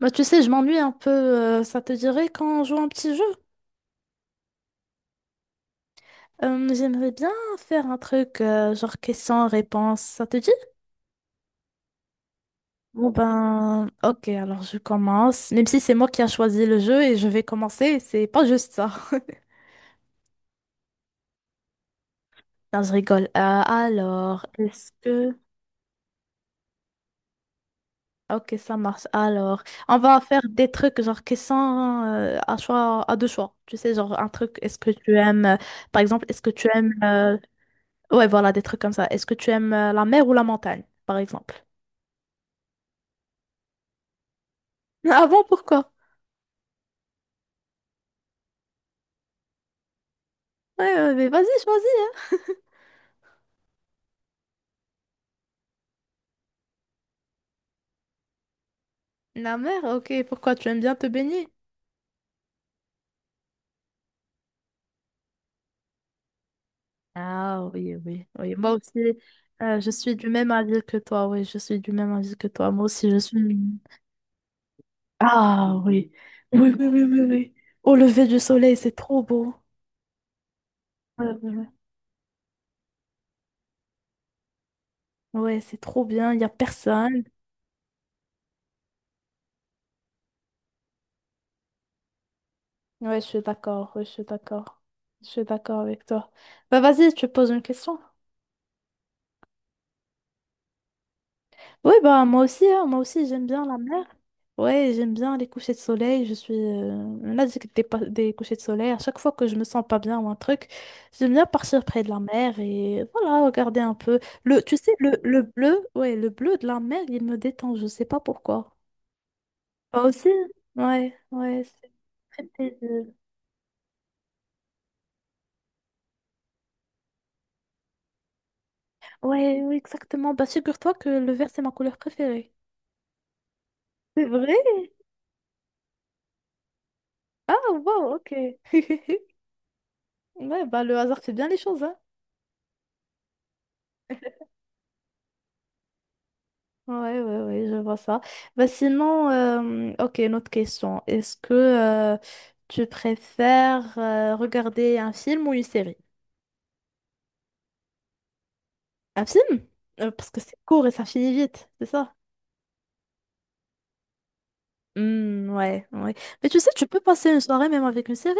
Bah, tu sais, je m'ennuie un peu. Ça te dirait qu'on joue un petit jeu? J'aimerais bien faire un truc genre question-réponse. Ça te dit? Bon ben, ok, alors je commence. Même si c'est moi qui a choisi le jeu et je vais commencer, c'est pas juste ça. Non, je rigole. Alors, est-ce que... Ok, ça marche. Alors, on va faire des trucs genre questions à choix, à deux choix. Tu sais, genre un truc, est-ce que tu aimes, par exemple, est-ce que tu aimes Ouais, voilà, des trucs comme ça. Est-ce que tu aimes la mer ou la montagne, par exemple? Ah bon, pourquoi? Ouais, ouais, mais vas-y, choisis, hein. La mer, ok, pourquoi? Tu aimes bien te baigner? Ah oui, oui, oui. Moi aussi, je suis du même avis que toi. Oui, je suis du même avis que toi. Moi aussi, je suis... Ah oui. Oui, oui, oui, oui, oui. Au lever du soleil, c'est trop beau. Ouais, ouais, ouais. Ouais, c'est trop bien, il n'y a personne. Ouais, je suis d'accord, ouais, je suis d'accord. Je suis d'accord avec toi. Bah vas-y, tu poses une question. Oui, bah moi aussi, hein, moi aussi j'aime bien la mer. Ouais, j'aime bien les couchers de soleil. Je suis on a dit que des couchers de soleil. À chaque fois que je me sens pas bien ou un truc, j'aime bien partir près de la mer et voilà, regarder un peu. Tu sais, le bleu, ouais, le bleu de la mer, il me détend. Je sais pas pourquoi. Toi aussi? Ouais, ouais, c'est très paisible. Ouais, oui, exactement. Bah figure-toi que le vert, c'est ma couleur préférée. C'est vrai? Ah, wow, ok. Ouais, bah le hasard fait bien les choses, hein. Ouais, ouais, ouais, je vois ça. Bah, sinon, ok, une autre question. Est-ce que tu préfères regarder un film ou une série? Un film? Parce que c'est court et ça finit vite, c'est ça? Hmm, ouais, ouais. Mais tu sais, tu peux passer une soirée même avec une série,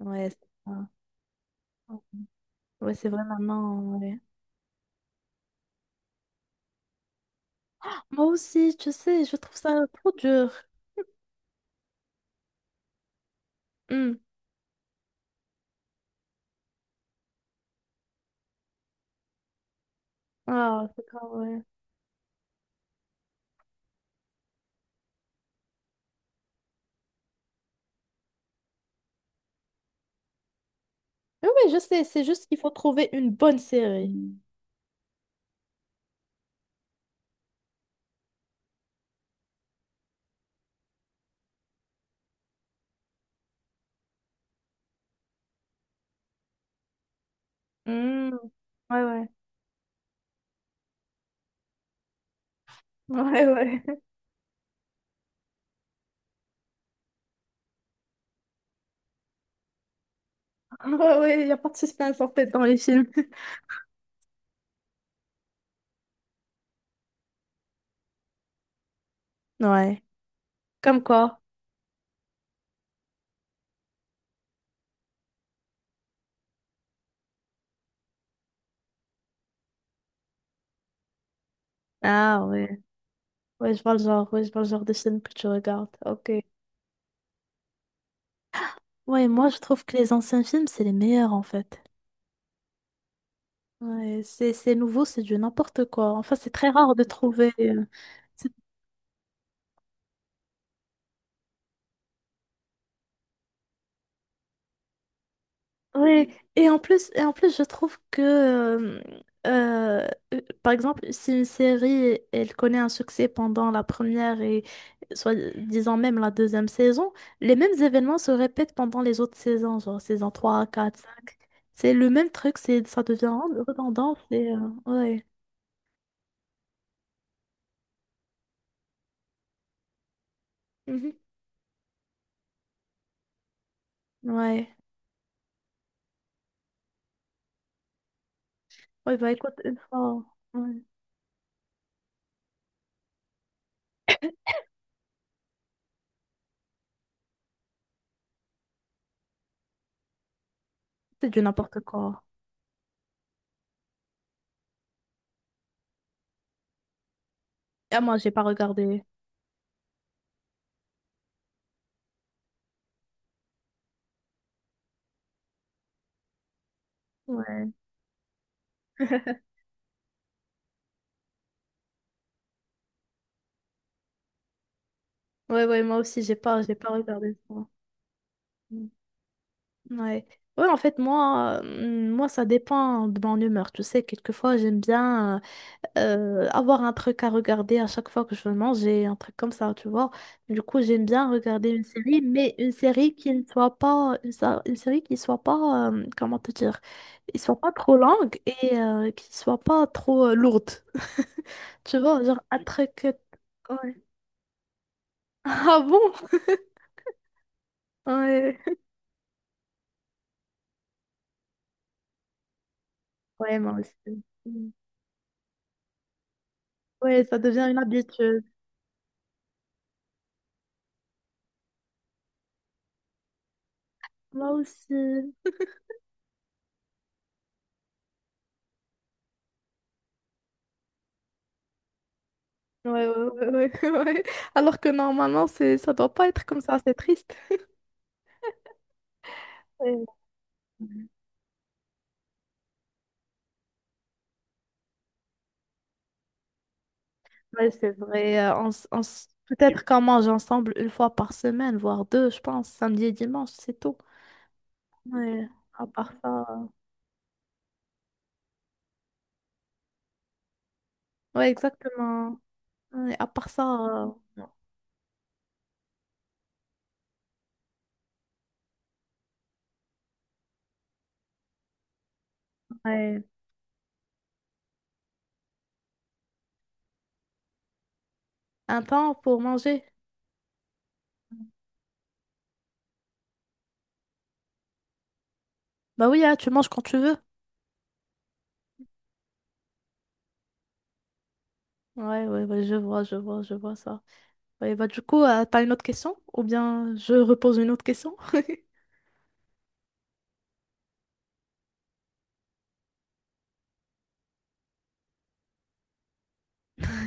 hein. Ouais, c'est ça. Ouais, c'est vraiment, ouais. Moi aussi, tu sais, je trouve ça trop dur. Hmm. Ah, c'est grave, ouais. Oui, oui, je sais, c'est juste qu'il faut trouver une bonne série. Hmm. Ouais, ouais. Ouais, ouais. Ah ouais, ouais, il n'y a pas de suspense en fait dans les films. Ouais. Comme quoi? Ah ouais. Ouais, je vois le genre. Ouais, je vois le genre de film que tu regardes. Ok. Ouais, moi je trouve que les anciens films, c'est les meilleurs en fait. Ouais, c'est nouveau, c'est du n'importe quoi. Enfin, c'est très rare de trouver, c'est. Oui, et en plus, je trouve que, euh, par exemple, si une série, elle connaît un succès pendant la première et, soit disant même la deuxième saison, les mêmes événements se répètent pendant les autres saisons, genre saison 3 4 5. C'est le même truc, c'est, ça devient redondant, c'est, ouais. Mhm. Ouais. Ouais, bah écoute, une fois, ouais. C'est du n'importe quoi. Ah, moi, j'ai pas regardé. Ouais. Ouais, ouais, moi aussi, j'ai pas, j'ai pas regardé ça. Ouais. Ouais, en fait, moi, ça dépend de mon humeur. Tu sais, quelquefois, j'aime bien avoir un truc à regarder à chaque fois que je veux manger, un truc comme ça, tu vois. Du coup, j'aime bien regarder une série, mais une série qui ne soit pas, une série qui soit pas, comment te dire, qui soit pas trop longue et qui soit pas trop lourde. Tu vois, genre un truc. Ouais. Ah bon? Ouais. Ouais, moi aussi. Ouais, ça devient une habitude. Moi aussi. Ouais, ouais, ouais, ouais, ouais. Alors que normalement, c'est, ça doit pas être comme ça, c'est triste. Ouais, ouais, c'est vrai. Et peut-être qu'on mange ensemble une fois par semaine, voire deux, je pense, samedi et dimanche, c'est tout. Ouais, à part ça. Ouais, exactement. Ouais, à part ça, euh, non. Ouais. Un temps pour manger. Bah oui, hein, tu manges quand tu veux. Ouais, ouais, ouais, je vois, je vois, je vois ça. Ouais, bah du coup, t'as une autre question? Ou bien je repose une autre question?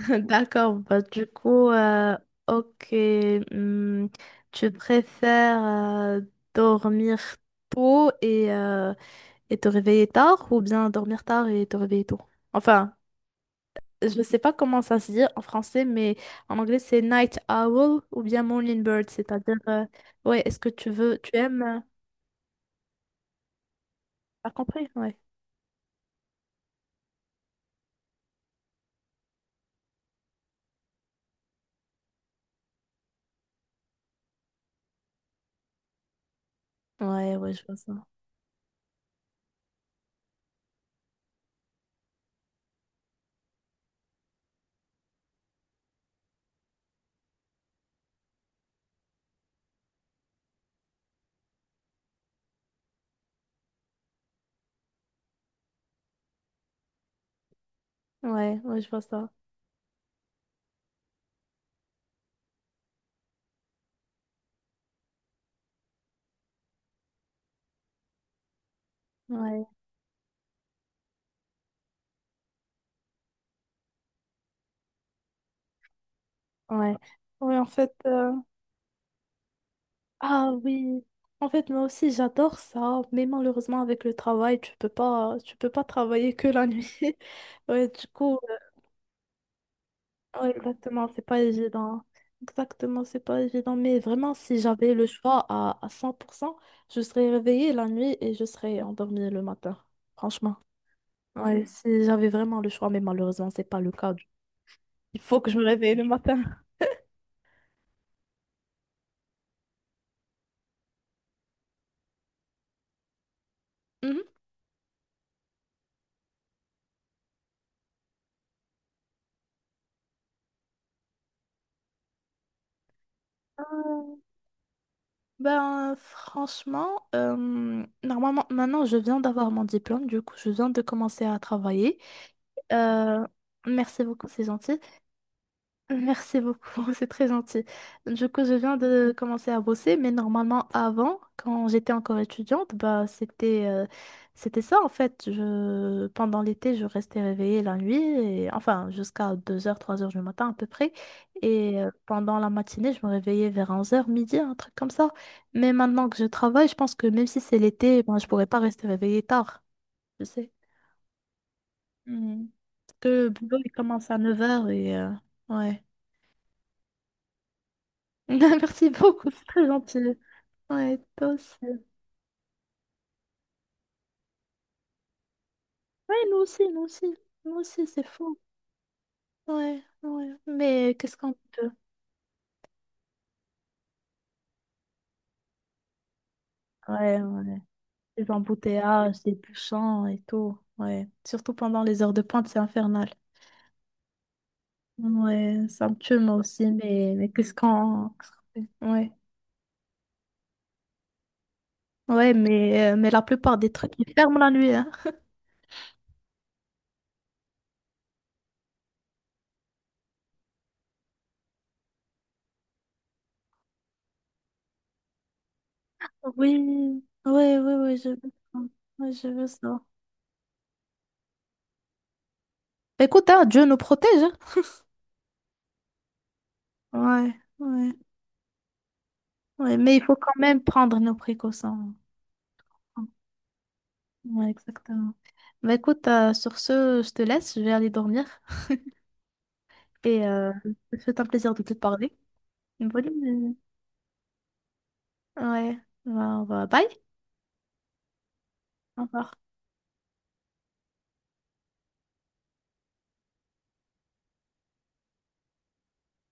D'accord, bah du coup, ok, hum, tu préfères dormir tôt et te réveiller tard ou bien dormir tard et te réveiller tôt? Enfin, je sais pas comment ça se dit en français, mais en anglais c'est night owl ou bien morning bird, c'est-à-dire, ouais, est-ce que tu veux, tu aimes, t'as compris? Ouais, ouais, ouais, je vois ça. Ouais, ouais, je vois ça. Ouais, ouais. Ouais, en fait, Ah oui, en fait moi aussi j'adore ça, mais malheureusement avec le travail tu peux pas travailler que la nuit. Ouais du coup ouais, exactement c'est pas évident. Exactement c'est pas évident, mais vraiment si j'avais le choix à 100%, je serais réveillée la nuit et je serais endormie le matin. Franchement, ouais si j'avais vraiment le choix, mais malheureusement c'est pas le cas. Il faut que je me réveille le matin. Mhm. Ben, franchement, normalement, maintenant, je viens d'avoir mon diplôme, du coup, je viens de commencer à travailler. Euh, Merci beaucoup, c'est gentil. Merci beaucoup, c'est très gentil. Du coup, je viens de commencer à bosser, mais normalement avant, quand j'étais encore étudiante, bah c'était ça en fait. Pendant l'été, je restais réveillée la nuit, et, enfin jusqu'à 2 heures, 3 heures du matin à peu près. Et pendant la matinée, je me réveillais vers 11 heures midi, un truc comme ça. Mais maintenant que je travaille, je pense que même si c'est l'été, ben, je pourrais pas rester réveillée tard, je sais. Mm. Parce que le boulot, il commence à 9 heures et ouais. Merci beaucoup, c'est très gentil. Ouais, toi aussi. Ouais, nous aussi, nous aussi. Nous aussi, c'est fou. Ouais, ouais. Mais qu'est-ce qu'on peut? Ouais, ouais. Les embouteillages, les bouchons et tout. Ouais. Surtout pendant les heures de pointe, c'est infernal. Ouais, ça me tue moi aussi, mais qu'est-ce qu'on fait. Ouais. Ouais, mais la plupart des trucs, ils ferment la nuit, hein. Oui, oui, oui, oui, je veux ça. Ouais, je veux ça. Écoute, hein, Dieu nous protège, hein. Ouais, ouais. Ouais, mais il faut quand même prendre nos précautions. Ouais, exactement. Bah écoute, sur ce, je te laisse, je vais aller dormir et c'est un plaisir de te parler. Bonne nuit. Ouais, bah, bye. Au revoir.